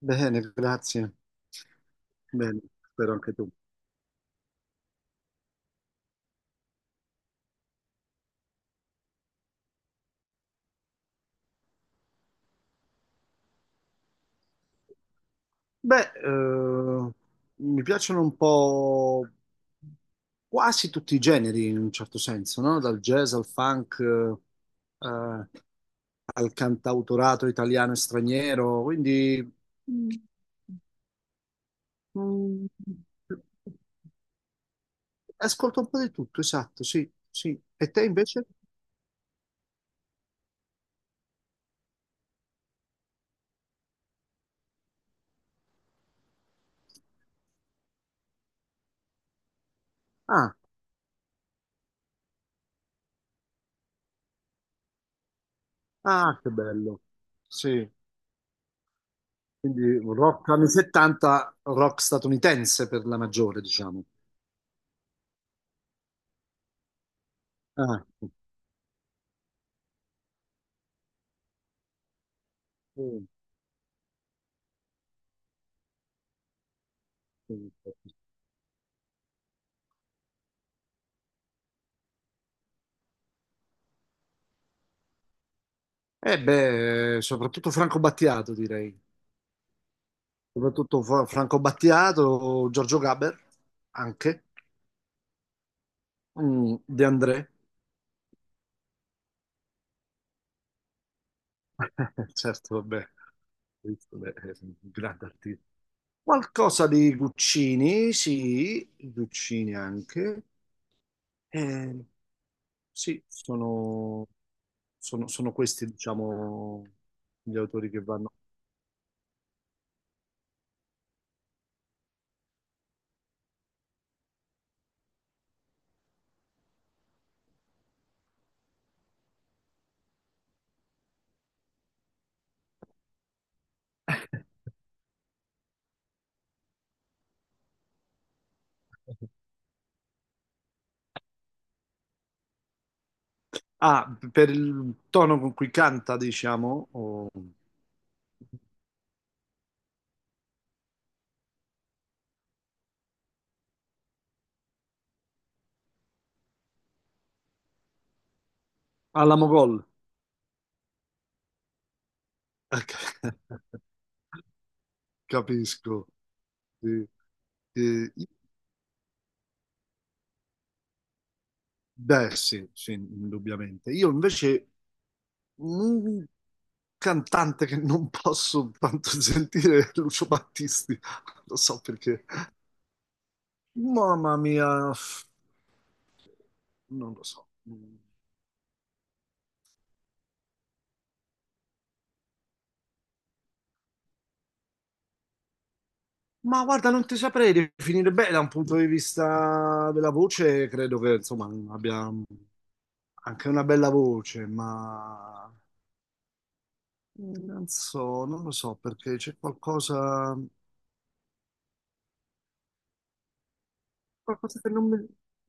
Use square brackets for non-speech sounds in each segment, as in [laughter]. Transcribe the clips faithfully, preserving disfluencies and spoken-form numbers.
Bene, grazie. Bene, spero anche tu. Beh, eh, mi piacciono un po' quasi tutti i generi in un certo senso, no? Dal jazz al funk, eh, eh, al cantautorato italiano e straniero, quindi mm, ascolto un po' di tutto, esatto, sì, sì. E te invece? Ah, ah, che bello. Sì. Quindi un rock anni settanta, rock statunitense per la maggiore, diciamo. Ah, sì, sì, sì. Eh beh, soprattutto Franco Battiato, direi. Soprattutto Fra- Franco Battiato, Giorgio Gaber, anche, Mm, De André. [laughs] Certo, vabbè, visto, beh, è un grande artista. Qualcosa di Guccini, sì, Guccini anche. Eh, Sì, sono, sono- sono questi, diciamo, gli autori che vanno. [laughs] Ah, per il tono con cui canta, diciamo, o... alla Mogol. [laughs] Capisco. Sì. Eh, beh, sì, sì, indubbiamente. Io invece un cantante che non posso tanto [laughs] sentire è Lucio Battisti, lo so perché. Mamma mia, non lo so. Ma guarda, non ti saprei definire bene da un punto di vista della voce, credo che insomma abbia anche una bella voce, ma non so, non lo so perché c'è qualcosa, qualcosa che non mi,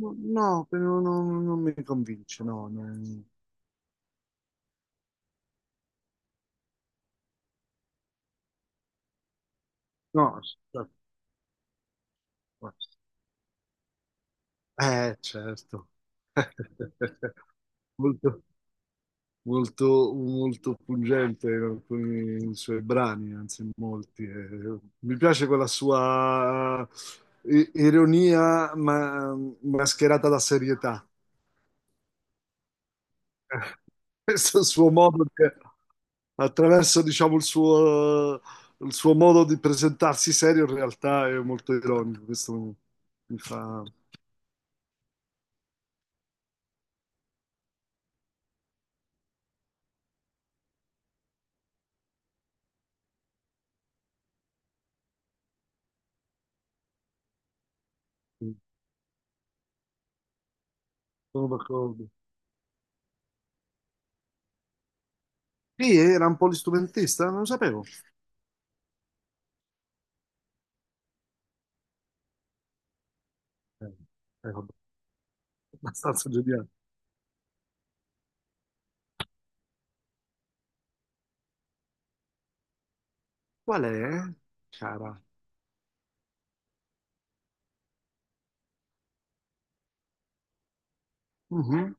no, no, che non, non- non mi convince, no, non- no, aspetta. Guarda. Eh, certo, [laughs] molto. Molto, molto pungente in alcuni suoi brani, anzi in molti. E mi piace quella sua i- ironia ma- mascherata da serietà. [laughs] Questo suo modo di, attraverso, diciamo, il suo, il suo modo di presentarsi serio in realtà è molto ironico. Questo mi fa... Sono d'accordo. Sì, era un polistrumentista, non lo sapevo. Eh, È abbastanza geniale. Qual è, cara? Mhm.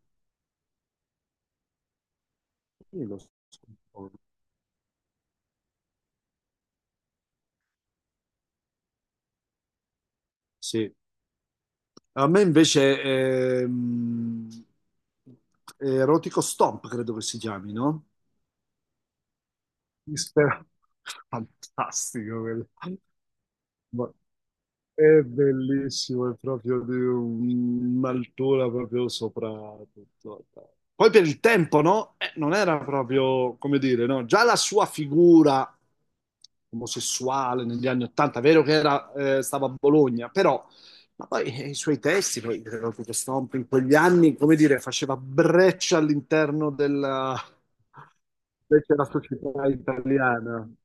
Io lo so. Sì. A me invece ehm, Erotico Stomp, credo che si chiami, no? Mister- [laughs] Fantastico quello. Ma è bellissimo, è proprio di un'altura proprio sopra tutto. Poi per il tempo, no? Eh, non era proprio, come dire, no? Già la sua figura omosessuale negli anni Ottanta, vero che era, eh, stava a Bologna, però ma poi eh, i suoi testi, poi credo che Stomp in quegli anni, come dire, faceva breccia all'interno della, invece la società italiana, un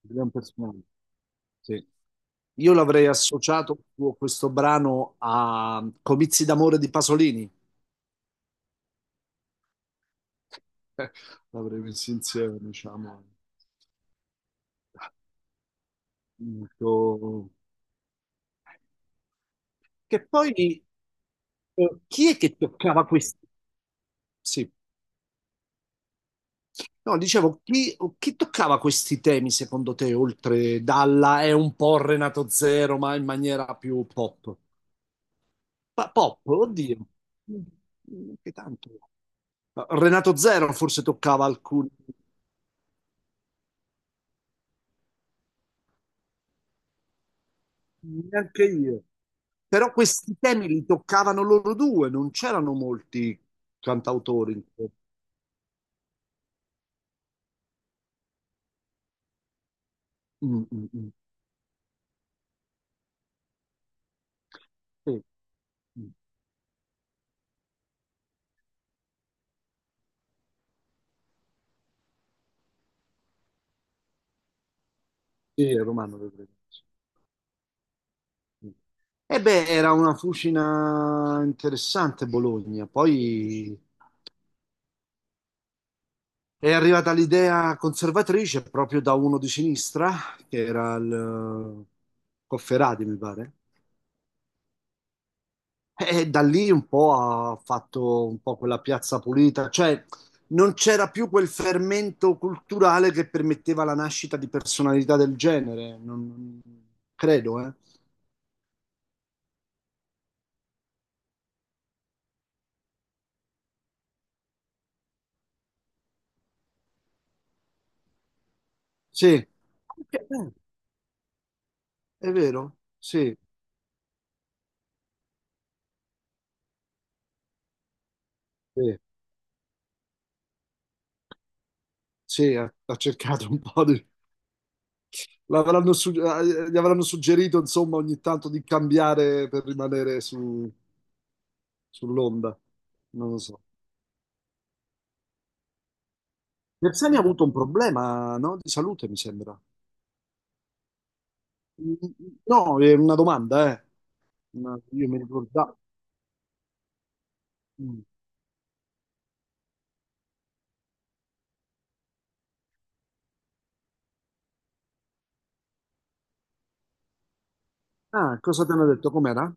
gran personaggio. Sì. Io l'avrei associato questo brano a Comizi d'amore di Pasolini. [laughs] L'avrei messo insieme, diciamo. Dico- Che poi eh, chi è che toccava questi. Sì. No, dicevo, chi, chi toccava questi temi secondo te, oltre Dalla è un po' Renato Zero, ma in maniera più pop? Pa- pop, oddio, Mm, che tanto. Renato Zero forse toccava alcuni, neanche io. Però questi temi li toccavano loro due, non c'erano molti cantautori. Mm, mm, mm. Sì, mm. Sì, Romano, lo credo. E beh, era una fucina interessante Bologna. Poi è arrivata l'idea conservatrice proprio da uno di sinistra, che era il eh, Cofferati, mi pare. E da lì un po' ha fatto un po' quella piazza pulita, cioè non c'era più quel fermento culturale che permetteva la nascita di personalità del genere, non, credo, eh. Sì, Eh, è vero, sì. Sì. Sì, ha, ha cercato un po' di... l'avranno su- eh, Gli avranno suggerito, insomma, ogni tanto di cambiare per rimanere su- sull'onda. Non lo so. Bersani ha avuto un problema, no? Di salute, mi sembra. Mm, no, è una domanda, eh. Una- Io mi ricordavo. Mm. Ah, cosa ti hanno detto? Com'era?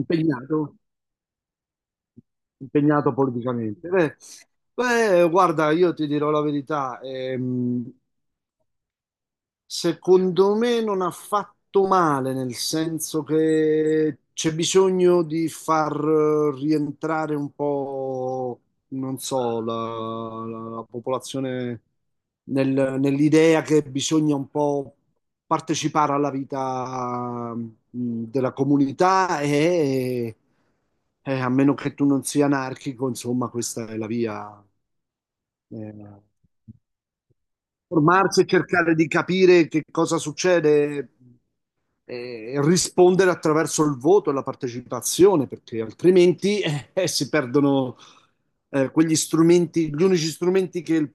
Impegnato? Impegnato politicamente. Beh, beh, guarda, io ti dirò la verità. ehm, Secondo me non ha fatto male, nel senso che c'è bisogno di far eh, rientrare un po', non so, la, la- la popolazione nel- nell'idea che bisogna un po' partecipare alla vita mh, della comunità e, e a meno che tu non sia anarchico, insomma, questa è la via. eh Formarsi e cercare di capire che cosa succede, eh, rispondere attraverso il voto e la partecipazione, perché altrimenti [laughs] eh, si perdono eh, quegli strumenti, gli unici strumenti che il-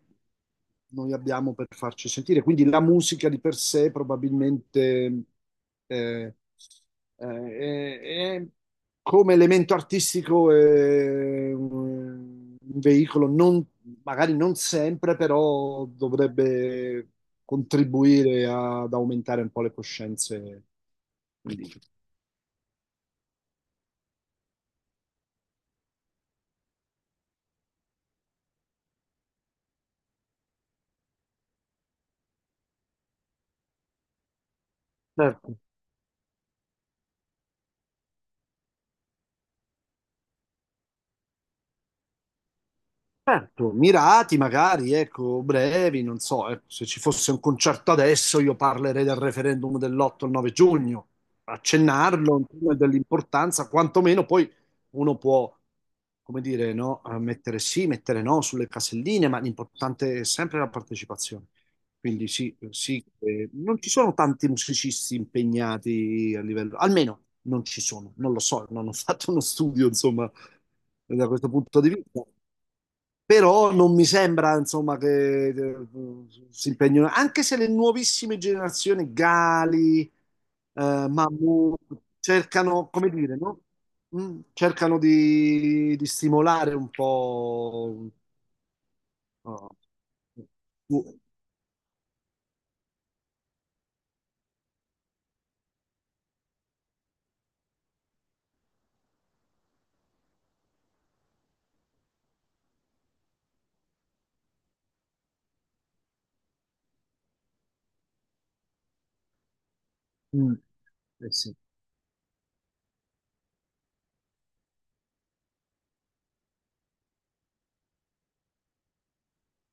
noi abbiamo per farci sentire. Quindi la musica di per sé probabilmente eh, eh, è- è come elemento artistico è un un veicolo, non- magari non sempre, però dovrebbe contribuire ad aumentare un po' le coscienze. Quindi, certo, certo, mirati magari, ecco, brevi, non so, ecco, se ci fosse un concerto adesso io parlerei del referendum dell'otto e nove giugno, accennarlo, insomma, dell'importanza, quantomeno poi uno può, come dire, no, eh, mettere sì, mettere no sulle caselline, ma l'importante è sempre la partecipazione. Quindi sì, sì, eh, non ci sono tanti musicisti impegnati a livello, almeno non ci sono, non lo so, non ho [laughs] fatto uno studio, insomma, da questo punto di vista. Però non mi sembra, insomma, che eh, si impegnino, anche se le nuovissime generazioni, Gali, eh, Mahmood, cercano, come dire, no? Mm, cercano di, di stimolare un po'... no. Mm, eh sì.